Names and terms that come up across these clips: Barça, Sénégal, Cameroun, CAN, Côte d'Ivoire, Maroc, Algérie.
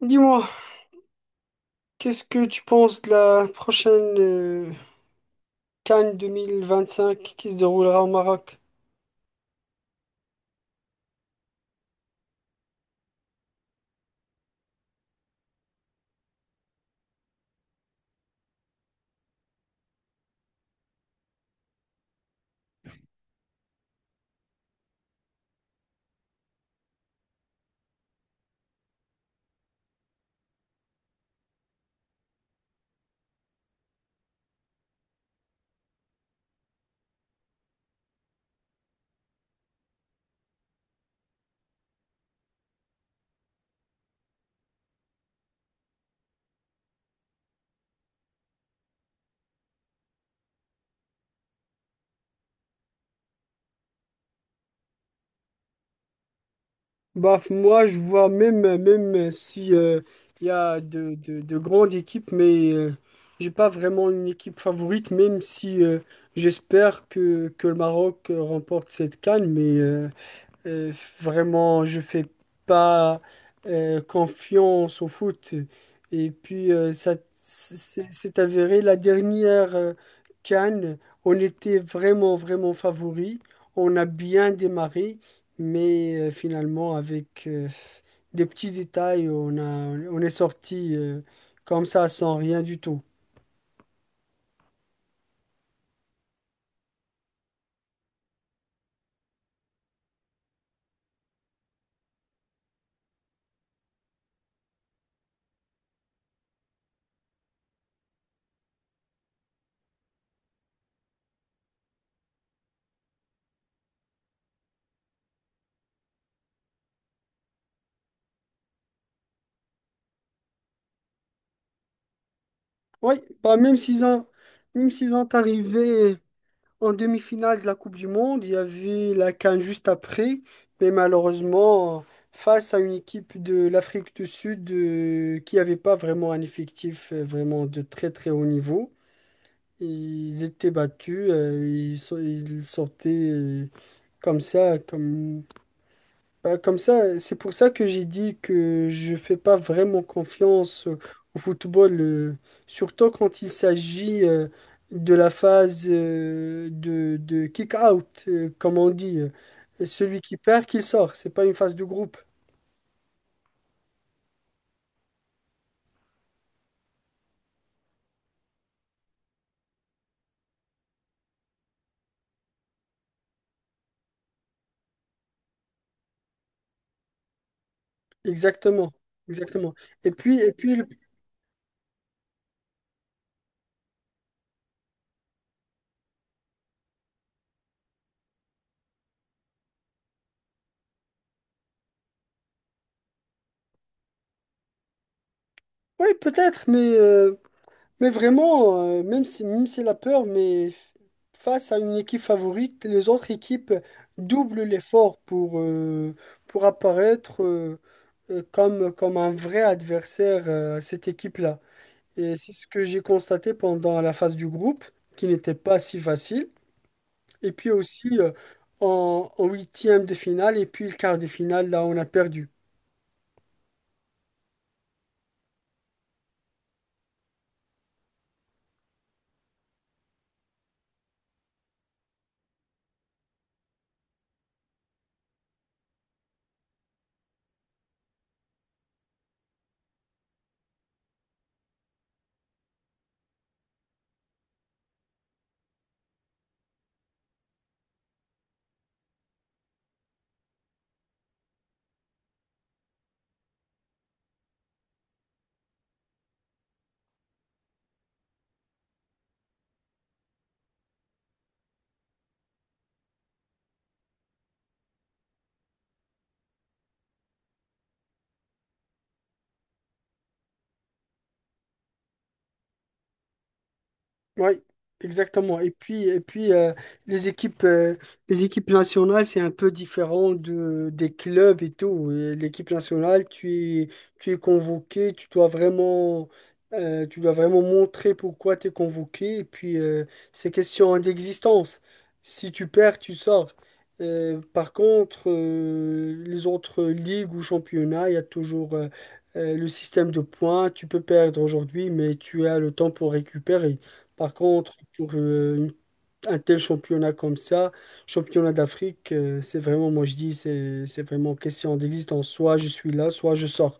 Dis-moi, qu'est-ce que tu penses de la prochaine Cannes 2025 qui se déroulera au Maroc? Bah, moi, je vois, même même si il y a de grandes équipes, mais j'ai pas vraiment une équipe favorite, même si j'espère que le Maroc remporte cette CAN, mais Euh, vraiment, je fais pas confiance au foot. Et puis, ça c'est avéré la dernière CAN, on était vraiment, vraiment favoris. On a bien démarré, mais finalement, avec des petits détails, on a, on est sorti comme ça, sans rien du tout. Oui, bah, même s'ils ont arrivé en demi-finale de la Coupe du Monde, il y avait la CAN juste après, mais malheureusement, face à une équipe de l'Afrique du Sud qui n'avait pas vraiment un effectif vraiment de très très haut niveau, ils étaient battus, ils sortaient comme ça, comme ça. C'est pour ça que j'ai dit que je fais pas vraiment confiance au football, surtout quand il s'agit de la phase de kick-out, comme on dit. Celui qui perd, qu'il sort. C'est pas une phase de groupe. Exactement. Exactement. Et puis, et puis, le- ouais, peut-être, mais mais vraiment, même si la peur, face à une équipe favorite, les autres équipes doublent l'effort pour apparaître comme un vrai adversaire à cette équipe-là. Et c'est ce que j'ai constaté pendant la phase du groupe, qui n'était pas si facile. Et puis aussi en huitième de finale et puis le quart de finale, là, on a perdu. Oui, exactement. Les équipes, euh, les équipes nationales, c'est un peu différent des clubs et tout. Et l'équipe nationale, tu es convoqué, tu dois vraiment montrer pourquoi tu es convoqué. Et puis, c'est question d'existence. Si tu perds, tu sors. Par contre, les autres ligues ou championnats, il y a toujours le système de points. Tu peux perdre aujourd'hui, mais tu as le temps pour récupérer. Par contre, pour un tel championnat comme ça, championnat d'Afrique, c'est vraiment, moi je dis, c'est vraiment question d'existence. Soit je suis là, soit je sors.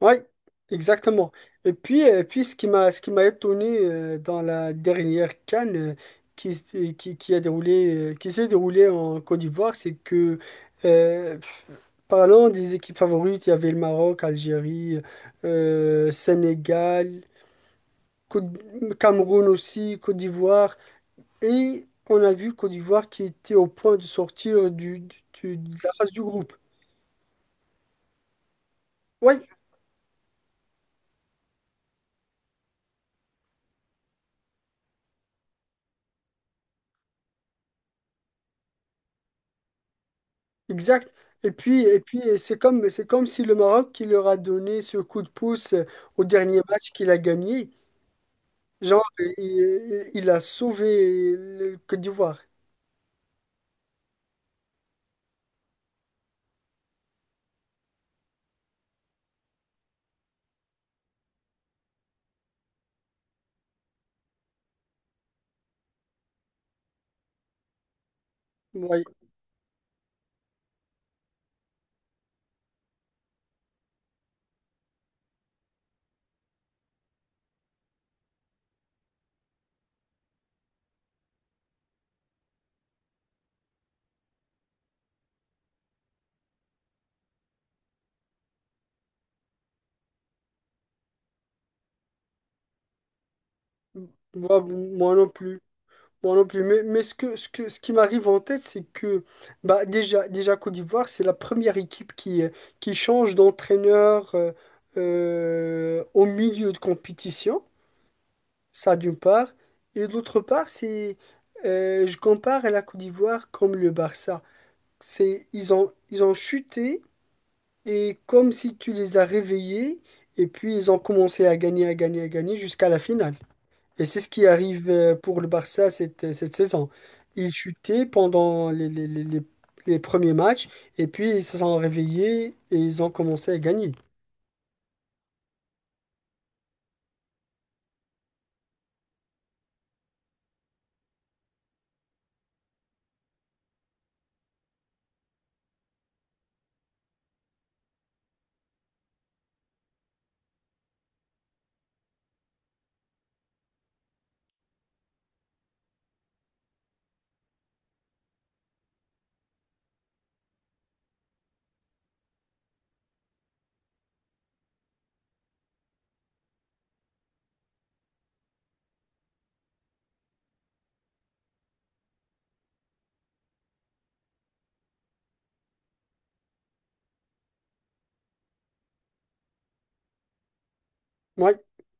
Oui, exactement. Et puis ce qui m'a Ce qui m'a étonné dans la dernière CAN qui, s- qui qui s'est déroulée en Côte d'Ivoire, c'est que, euh, parlant des équipes favorites, il y avait le Maroc, Algérie, Sénégal, Cameroun aussi, Côte d'Ivoire. Et on a vu Côte d'Ivoire qui était au point de sortir de la phase du groupe. Oui, exact. C'est comme si le Maroc qui leur a donné ce coup de pouce au dernier match qu'il a gagné. Genre, il a sauvé le Côte d'Ivoire. Oui, moi, moi non plus. Moi non plus, mais, ce qui m'arrive en tête, c'est que bah, déjà, déjà Côte d'Ivoire, c'est la première équipe qui change d'entraîneur au milieu de compétition, ça d'une part, et d'autre part, c'est je compare à la Côte d'Ivoire comme le Barça. Ils ont chuté et comme si tu les as réveillés, et puis ils ont commencé à gagner, à gagner, à gagner jusqu'à la finale. Et c'est ce qui arrive pour le Barça cette saison. Ils chutaient pendant les premiers matchs et puis ils se sont réveillés et ils ont commencé à gagner. Oui,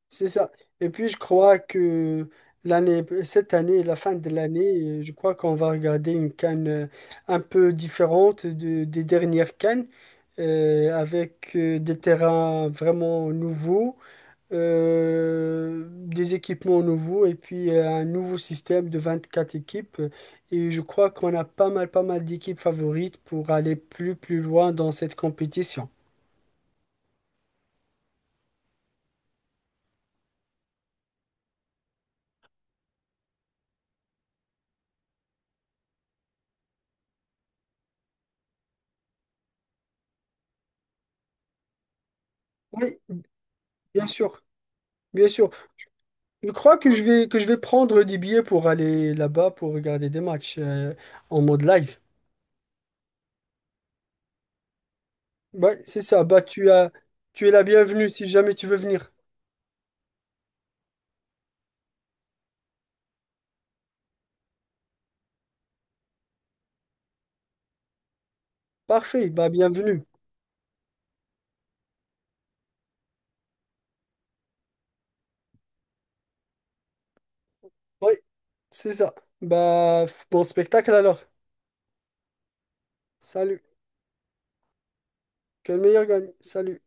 c'est ça. Et puis je crois que cette année, la fin de l'année, je crois qu'on va regarder une CAN un peu différente des dernières CAN avec des terrains vraiment nouveaux des équipements nouveaux et puis un nouveau système de 24 équipes. Et je crois qu'on a pas mal, pas mal d'équipes favorites pour aller plus, plus loin dans cette compétition. Oui, bien sûr, bien sûr. Je crois que je vais prendre des billets pour aller là-bas pour regarder des matchs en mode live. Ouais, c'est ça. Bah, tu es la bienvenue si jamais tu veux venir. Parfait, bah bienvenue. Oui, c'est ça. Bah, bon spectacle alors. Salut. Que le meilleur gagne. Salut.